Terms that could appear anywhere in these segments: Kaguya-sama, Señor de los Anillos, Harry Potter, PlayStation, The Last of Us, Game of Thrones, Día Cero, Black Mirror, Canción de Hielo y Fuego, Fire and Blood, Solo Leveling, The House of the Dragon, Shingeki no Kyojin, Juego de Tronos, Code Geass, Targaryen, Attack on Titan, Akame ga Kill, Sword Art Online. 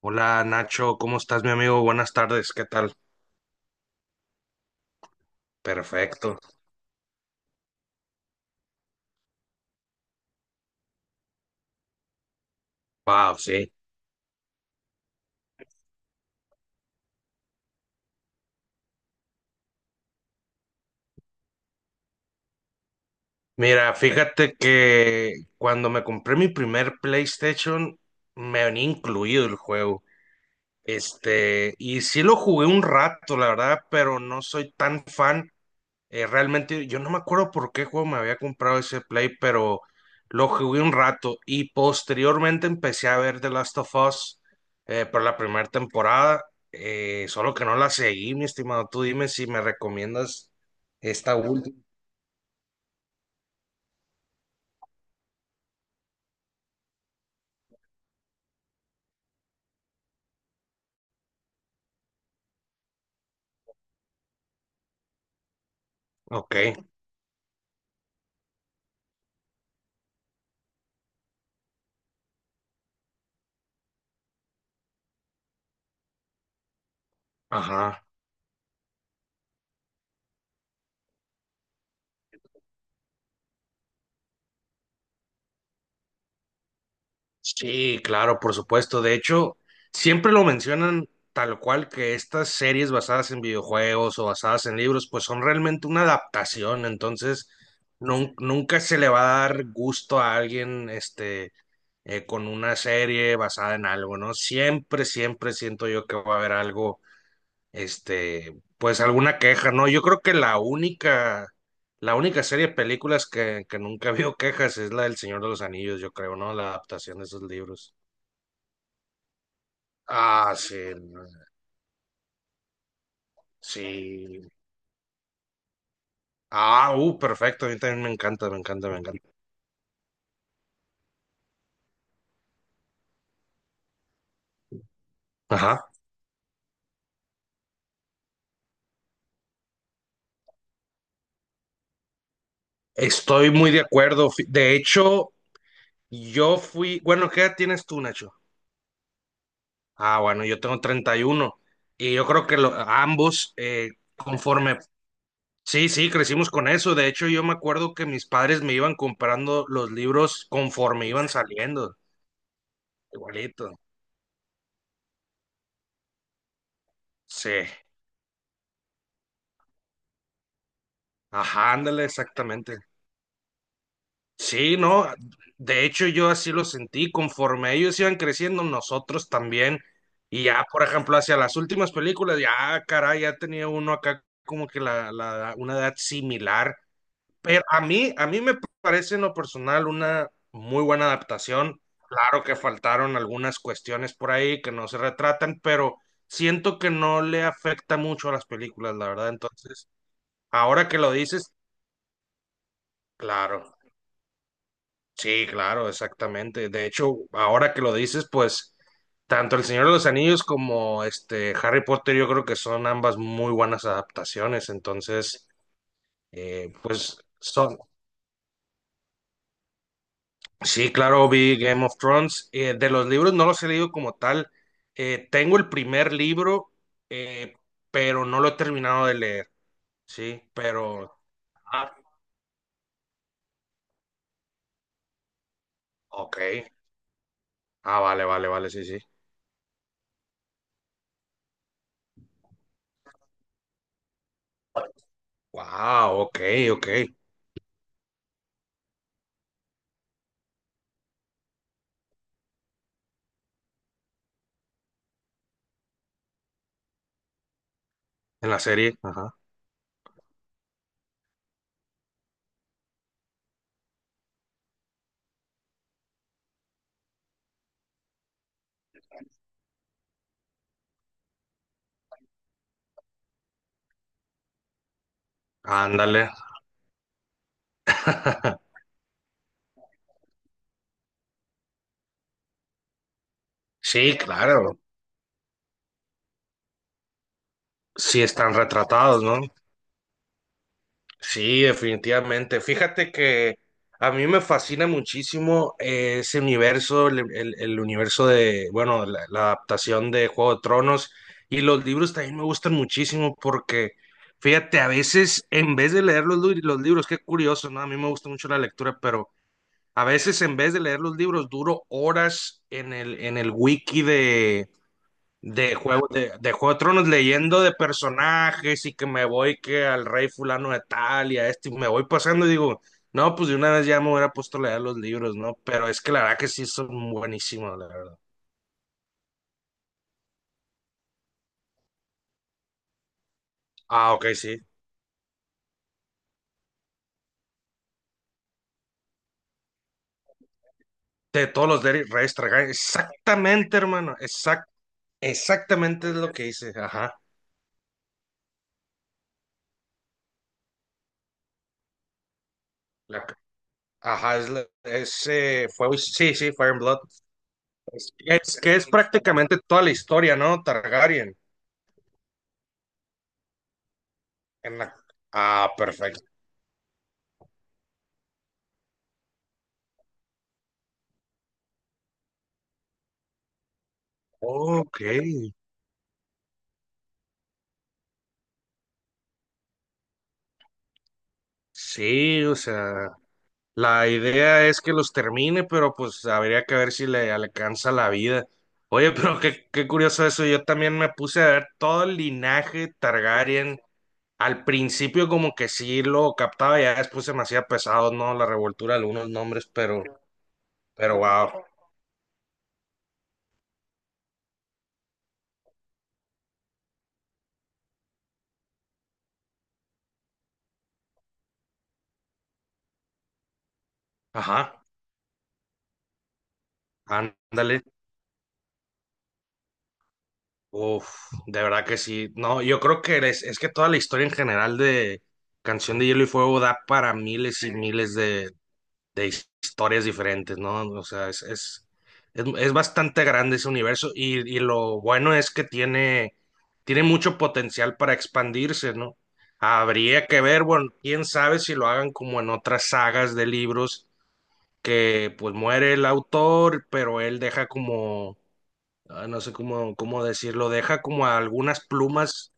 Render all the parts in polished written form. Hola Nacho, ¿cómo estás, mi amigo? Buenas tardes, ¿qué tal? Perfecto. Wow, sí. Mira, fíjate que cuando me compré mi primer PlayStation, me venía incluido el juego. Y sí lo jugué un rato, la verdad, pero no soy tan fan. Realmente yo no me acuerdo por qué juego me había comprado ese Play, pero lo jugué un rato y posteriormente empecé a ver The Last of Us por la primera temporada, solo que no la seguí, mi estimado. Tú dime si me recomiendas esta última. Ok, ajá. Sí, claro, por supuesto. De hecho, siempre lo mencionan tal cual, que estas series basadas en videojuegos o basadas en libros, pues son realmente una adaptación. Entonces, nunca se le va a dar gusto a alguien, con una serie basada en algo, ¿no? Siempre, siempre siento yo que va a haber algo, pues alguna queja, ¿no? Yo creo que la única serie de películas que nunca vio quejas es la del Señor de los Anillos, yo creo, ¿no? La adaptación de esos libros. Ah, sí, sí. Ah, perfecto, a mí también me encanta, me encanta, me encanta. Ajá, estoy muy de acuerdo. De hecho, yo fui, bueno, ¿qué edad tienes tú, Nacho? Ah, bueno, yo tengo 31 y uno. Y yo creo que ambos, conforme, sí, sí, crecimos con eso. De hecho, yo me acuerdo que mis padres me iban comprando los libros conforme iban saliendo, igualito. Sí, ajá, ándale, exactamente. Sí, no, de hecho yo así lo sentí, conforme ellos iban creciendo, nosotros también, y ya, por ejemplo, hacia las últimas películas, ya, caray, ya tenía uno acá como que una edad similar, pero a mí me parece en lo personal una muy buena adaptación, claro que faltaron algunas cuestiones por ahí que no se retratan, pero siento que no le afecta mucho a las películas, la verdad, entonces, ahora que lo dices, claro. Sí, claro, exactamente. De hecho, ahora que lo dices, pues tanto El Señor de los Anillos como este Harry Potter, yo creo que son ambas muy buenas adaptaciones. Entonces, pues son. Sí, claro, vi Game of Thrones. De los libros no los he leído como tal. Tengo el primer libro, eh, pero no lo he terminado de leer. Sí, pero. Ah, ok. Ah, vale, vale, vale, sí, sí. Wow, ok, ok. En la serie, ajá. Ándale. Sí, claro, sí están retratados, ¿no? Sí, definitivamente. Fíjate que a mí me fascina muchísimo ese universo, el universo de, bueno, la adaptación de Juego de Tronos y los libros también me gustan muchísimo porque, fíjate, a veces en vez de leer los libros, qué curioso, ¿no? A mí me gusta mucho la lectura, pero a veces en vez de leer los libros duro horas en el wiki. De Juego de Tronos, leyendo de personajes y que me voy que al rey fulano de tal y a este, y me voy pasando y digo, no, pues de una vez ya me hubiera puesto a leer los libros, ¿no? Pero es que la verdad que sí son buenísimos, la verdad. Ah, ok, sí. De todos los de Reyes Targaryen. Exactamente, hermano. Exactamente es lo que hice. Ajá. La- ajá, es, la- es, fue, sí, sí, Fire and Blood. Es que es prácticamente toda la historia, ¿no? Targaryen. En la, ah, perfecto. Ok, sí, o sea, la idea es que los termine, pero pues habría que ver si le alcanza la vida. Oye, pero qué, qué curioso eso, yo también me puse a ver todo el linaje Targaryen. Al principio como que sí lo captaba, ya después se me hacía pesado, ¿no? La revoltura de algunos nombres, pero wow. Ajá, ándale. Uf, de verdad que sí. No, yo creo que es que toda la historia en general de Canción de Hielo y Fuego da para miles y miles de historias diferentes, ¿no? O sea, es bastante grande ese universo y lo bueno es que tiene, tiene mucho potencial para expandirse, ¿no? Habría que ver, bueno, quién sabe si lo hagan como en otras sagas de libros que pues muere el autor, pero él deja como, ah, no sé cómo, cómo decirlo, deja como algunas plumas.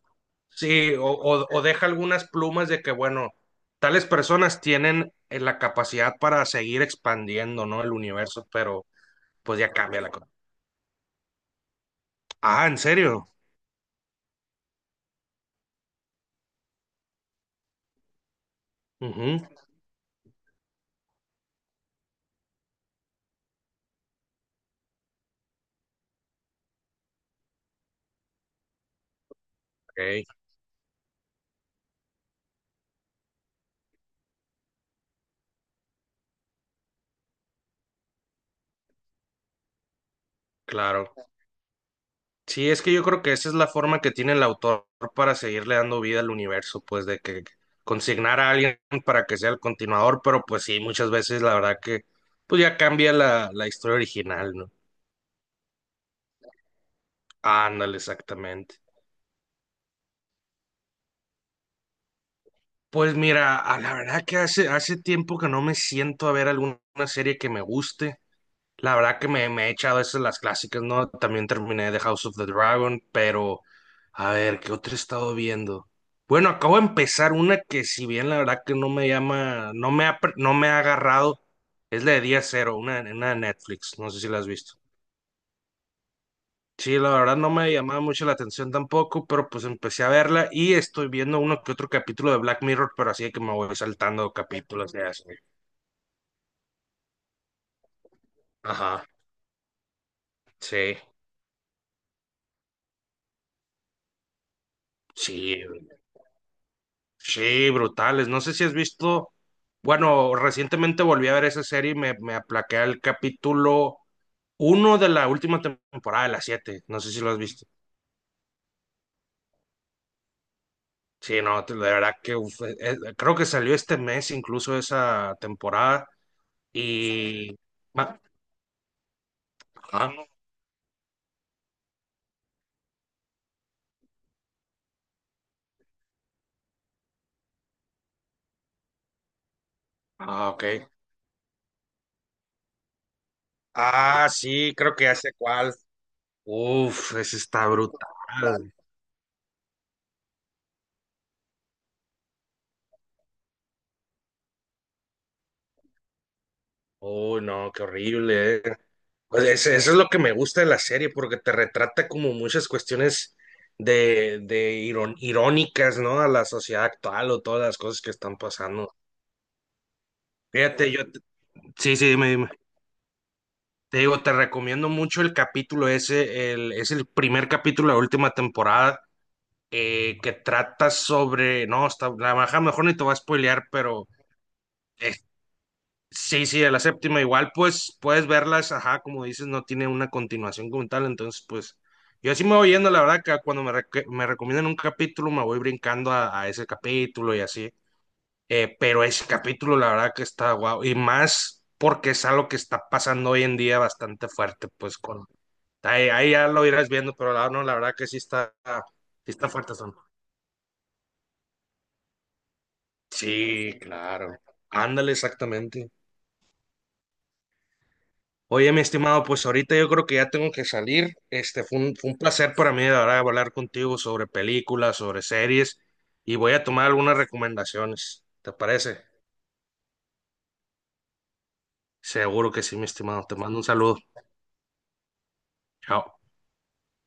Sí, o deja algunas plumas de que, bueno, tales personas tienen la capacidad para seguir expandiendo, ¿no? El universo, pero pues ya cambia la cosa. Ah, ¿en serio? Ujú, ok, claro. Sí, es que yo creo que esa es la forma que tiene el autor para seguirle dando vida al universo, pues de que consignar a alguien para que sea el continuador, pero pues sí, muchas veces la verdad que pues ya cambia la historia original, ¿no? Ándale, exactamente. Pues mira, a la verdad que hace, hace tiempo que no me siento a ver alguna serie que me guste. La verdad que me he echado esas las clásicas, ¿no? También terminé The House of the Dragon, pero a ver, ¿qué otra he estado viendo? Bueno, acabo de empezar una que si bien la verdad que no me llama, no me ha, no me ha agarrado, es la de Día Cero, una de Netflix, no sé si la has visto. Sí, la verdad no me llamaba mucho la atención tampoco, pero pues empecé a verla y estoy viendo uno que otro capítulo de Black Mirror, pero así de que me voy saltando capítulos de así. Ajá, sí, sí, sí, brutales. No sé si has visto, bueno, recientemente volví a ver esa serie y me aplaqué al capítulo uno de la última temporada de las siete. No sé si lo has visto. Sí, no, de verdad que uf, creo que salió este mes incluso esa temporada y... Ah, ah, ah, ok. Ah, sí, creo que ya sé cuál. Uf, ese está brutal. Uy, no, qué horrible, eh. Pues eso es lo que me gusta de la serie, porque te retrata como muchas cuestiones de irónicas, ¿no? A la sociedad actual o todas las cosas que están pasando. Fíjate, sí, sí, dime, dime. Te digo, te recomiendo mucho el capítulo ese, el, es el primer capítulo de la última temporada, que trata sobre, no, está, la baja, mejor ni te voy a spoilear, pero eh, sí, sí, a la séptima igual, pues puedes verlas, ajá, como dices, no tiene una continuación como tal, entonces pues yo así me voy yendo, la verdad, que cuando me, me recomiendan un capítulo me voy brincando a ese capítulo y así, pero ese capítulo la verdad que está guau, y más porque es algo que está pasando hoy en día bastante fuerte, pues con... Ahí, ahí ya lo irás viendo, pero la, no, la verdad que sí está fuerte son. Sí, claro. Ándale, exactamente. Oye, mi estimado, pues ahorita yo creo que ya tengo que salir. Este fue un placer para mí de verdad hablar contigo sobre películas, sobre series, y voy a tomar algunas recomendaciones. ¿Te parece? Seguro que sí, mi estimado. Te mando un saludo. Chao.